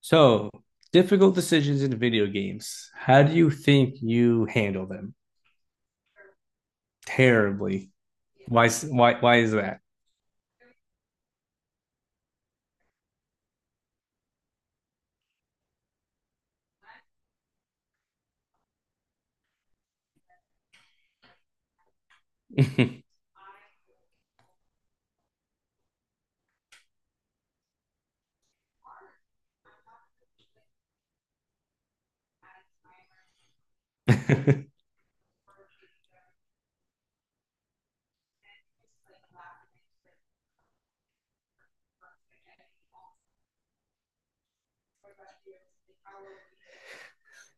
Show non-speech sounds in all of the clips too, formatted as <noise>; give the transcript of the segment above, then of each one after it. So, difficult decisions in video games. How do you think you handle them? Terribly. Why? Why? Why is that? <laughs>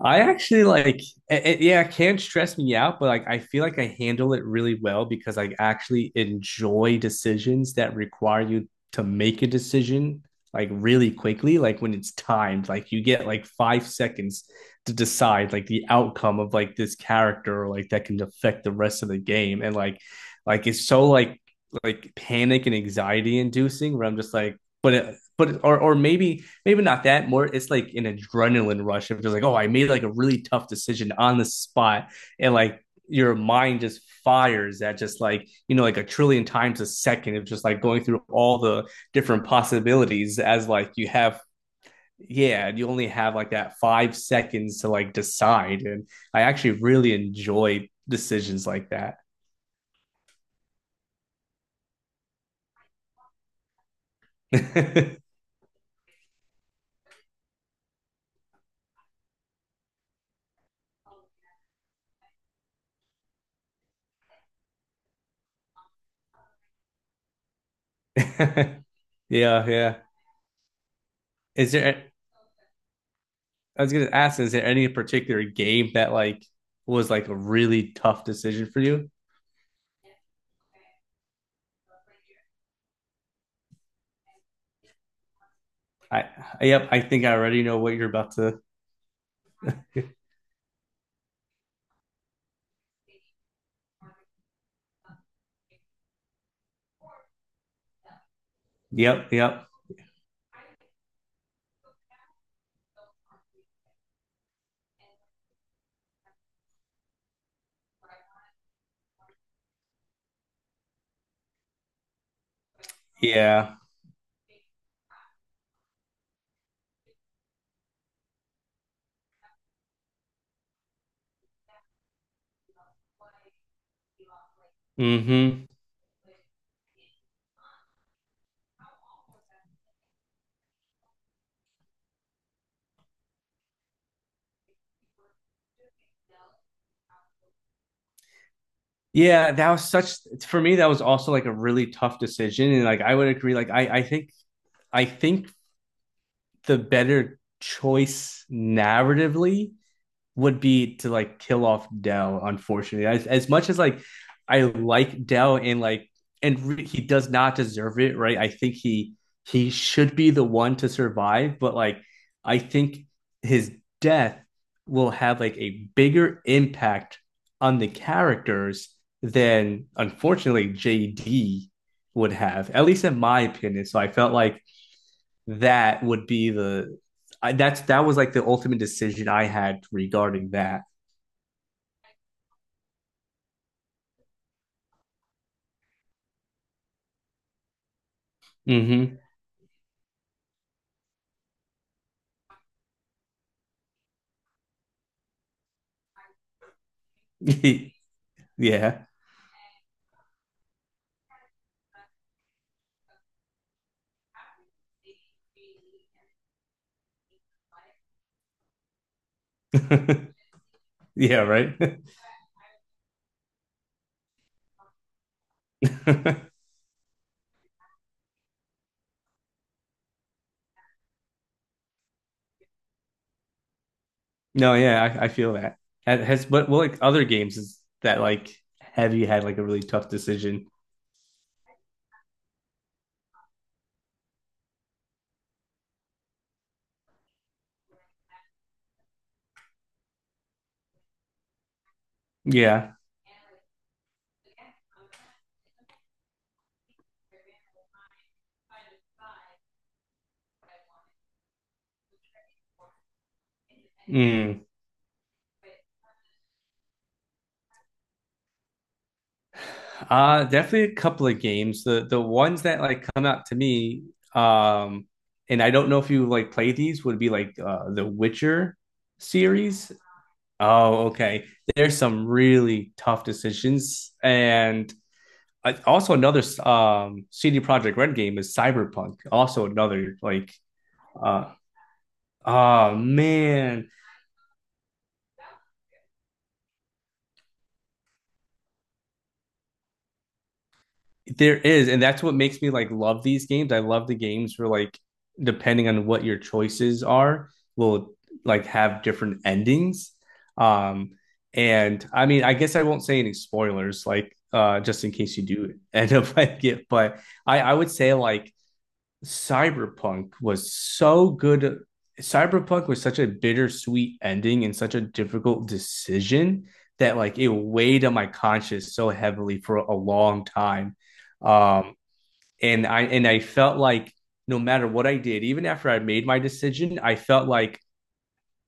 I actually like it can stress me out, but like I feel like I handle it really well because I actually enjoy decisions that require you to make a decision like really quickly, like when it's timed, like you get like 5 seconds to decide like the outcome of like this character or like that can affect the rest of the game. And like it's so like panic and anxiety inducing where I'm just like, but it but or maybe maybe not that, more it's like an adrenaline rush of just like, oh, I made like a really tough decision on the spot, and like your mind just fires at just like, you know, like a trillion times a second of just like going through all the different possibilities as like you have. Yeah, you only have like that 5 seconds to like decide, and I actually really enjoy decisions like that. <laughs> Yeah, yeah, is there— I was gonna ask, is there any particular game that like was like a really tough decision for you? I Yep, I think I already know what you're about to. <laughs> Yep, yep, yeah, mm-hmm. Yeah, that was such for me. That was also like a really tough decision, and like I would agree. Like I think the better choice narratively would be to like kill off Dell. Unfortunately, as much as like I like Dell and like and re- he does not deserve it, right? I think He should be the one to survive, but like I think his death will have like a bigger impact on the characters than, unfortunately, JD would have, at least in my opinion. So I felt like that would be the— I, that's that was like the ultimate decision I had regarding that. Mm-hmm. <laughs> Yeah. <laughs> Yeah, right. <laughs> No, yeah, I feel that. Ha- Has what like other games is that like have you had like a really tough decision? Yeah. Mm. Uh, definitely a couple of games. The ones that like come out to me, um, and I don't know if you like play these, would be like the Witcher series. Oh, okay. There's some really tough decisions, and also another CD Projekt Red game is Cyberpunk. Also another like uh oh, man, there is, and that's what makes me like love these games. I love the games where like, depending on what your choices are, will like have different endings. Um and I mean, I guess I won't say any spoilers, like just in case you do end up <laughs> like it, but I would say like Cyberpunk was so good. Cyberpunk was such a bittersweet ending and such a difficult decision that like it weighed on my conscience so heavily for a long time. Um, and I felt like, no matter what I did, even after I made my decision, I felt like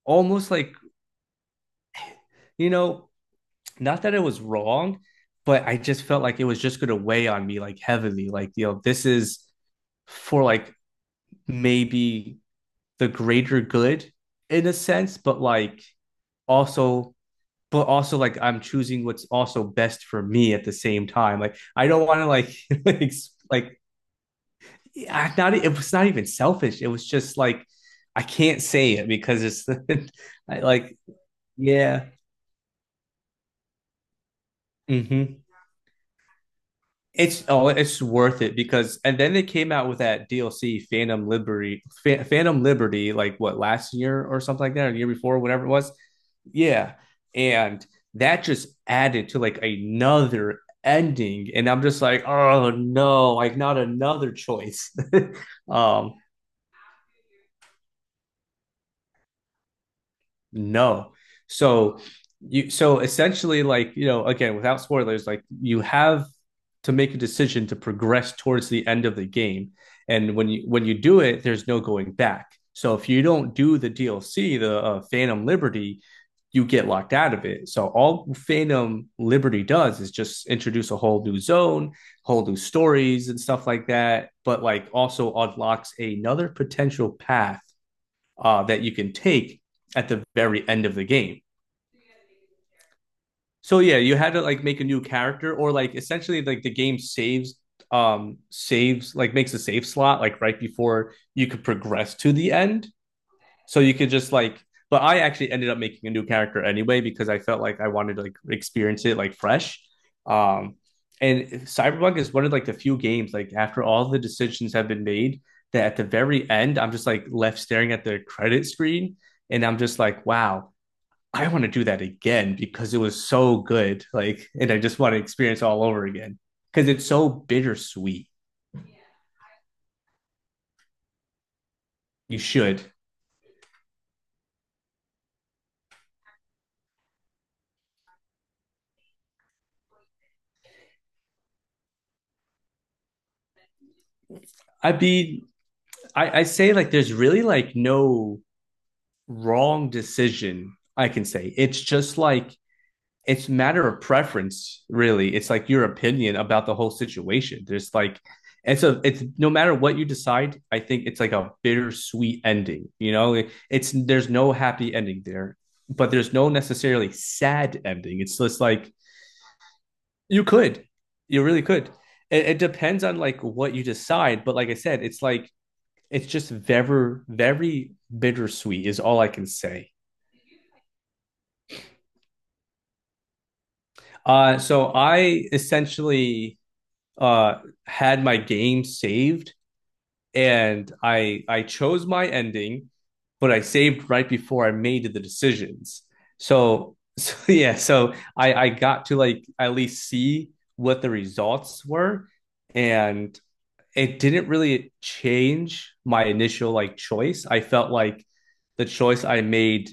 almost like, you know, not that it was wrong, but I just felt like it was just going to weigh on me like heavily. Like, you know, this is for like maybe the greater good in a sense, but like also, but also like I'm choosing what's also best for me at the same time. Like I don't want to like <laughs> like— like not e, it was not even selfish. It was just like I can't say it because it's <laughs> like, yeah. Mm-hmm. It's— oh, it's worth it because, and then they came out with that DLC Phantom Liberty, Fa- Phantom Liberty, like what, last year or something like that, or the year before, whatever it was. Yeah, and that just added to like another ending, and I'm just like, oh no, like not another choice. <laughs> Um, no. So you— so essentially, like, you know, again, without spoilers, like you have to make a decision to progress towards the end of the game. And when you— when you do it, there's no going back. So if you don't do the DLC, the Phantom Liberty, you get locked out of it. So all Phantom Liberty does is just introduce a whole new zone, whole new stories and stuff like that, but like also unlocks another potential path, that you can take at the very end of the game. So yeah, you had to like make a new character, or like essentially like the game saves, saves, like makes a save slot like right before you could progress to the end. So you could just like— but I actually ended up making a new character anyway because I felt like I wanted to like experience it like fresh. Um and Cyberpunk is one of like the few games like after all the decisions have been made, that at the very end I'm just like left staring at the credit screen, and I'm just like, wow, I want to do that again because it was so good. Like, and I just want to experience all over again because it's so bittersweet. You should. I'd be, I say like there's really like no wrong decision, I can say. It's just like it's a matter of preference, really. It's like your opinion about the whole situation. There's like, and so it's— no matter what you decide, I think it's like a bittersweet ending. You know, it's— there's no happy ending there, but there's no necessarily sad ending. It's just like— you could, you really could. It depends on like what you decide. But like I said, it's like it's just very, very bittersweet is all I can say. So I essentially uh, had my game saved, and I chose my ending, but I saved right before I made the decisions. So, <laughs> so yeah, so I got to like at least see what the results were, and it didn't really change my initial like choice. I felt like the choice I made,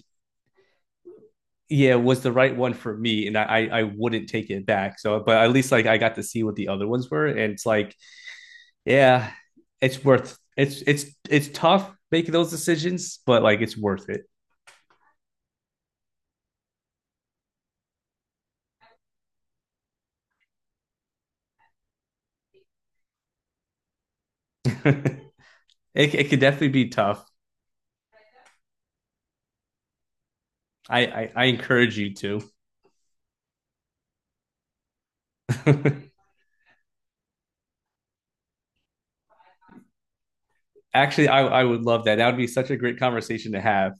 yeah, was the right one for me, and I wouldn't take it back. So, but at least like I got to see what the other ones were, and it's like, yeah, it's— it's tough making those decisions, but like it's worth it. <laughs> It— it could definitely be tough. I encourage you to. <laughs> Actually, I would love that. That would be such a great conversation to have.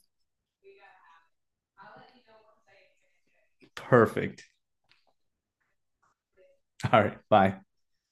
Perfect. All right. Bye.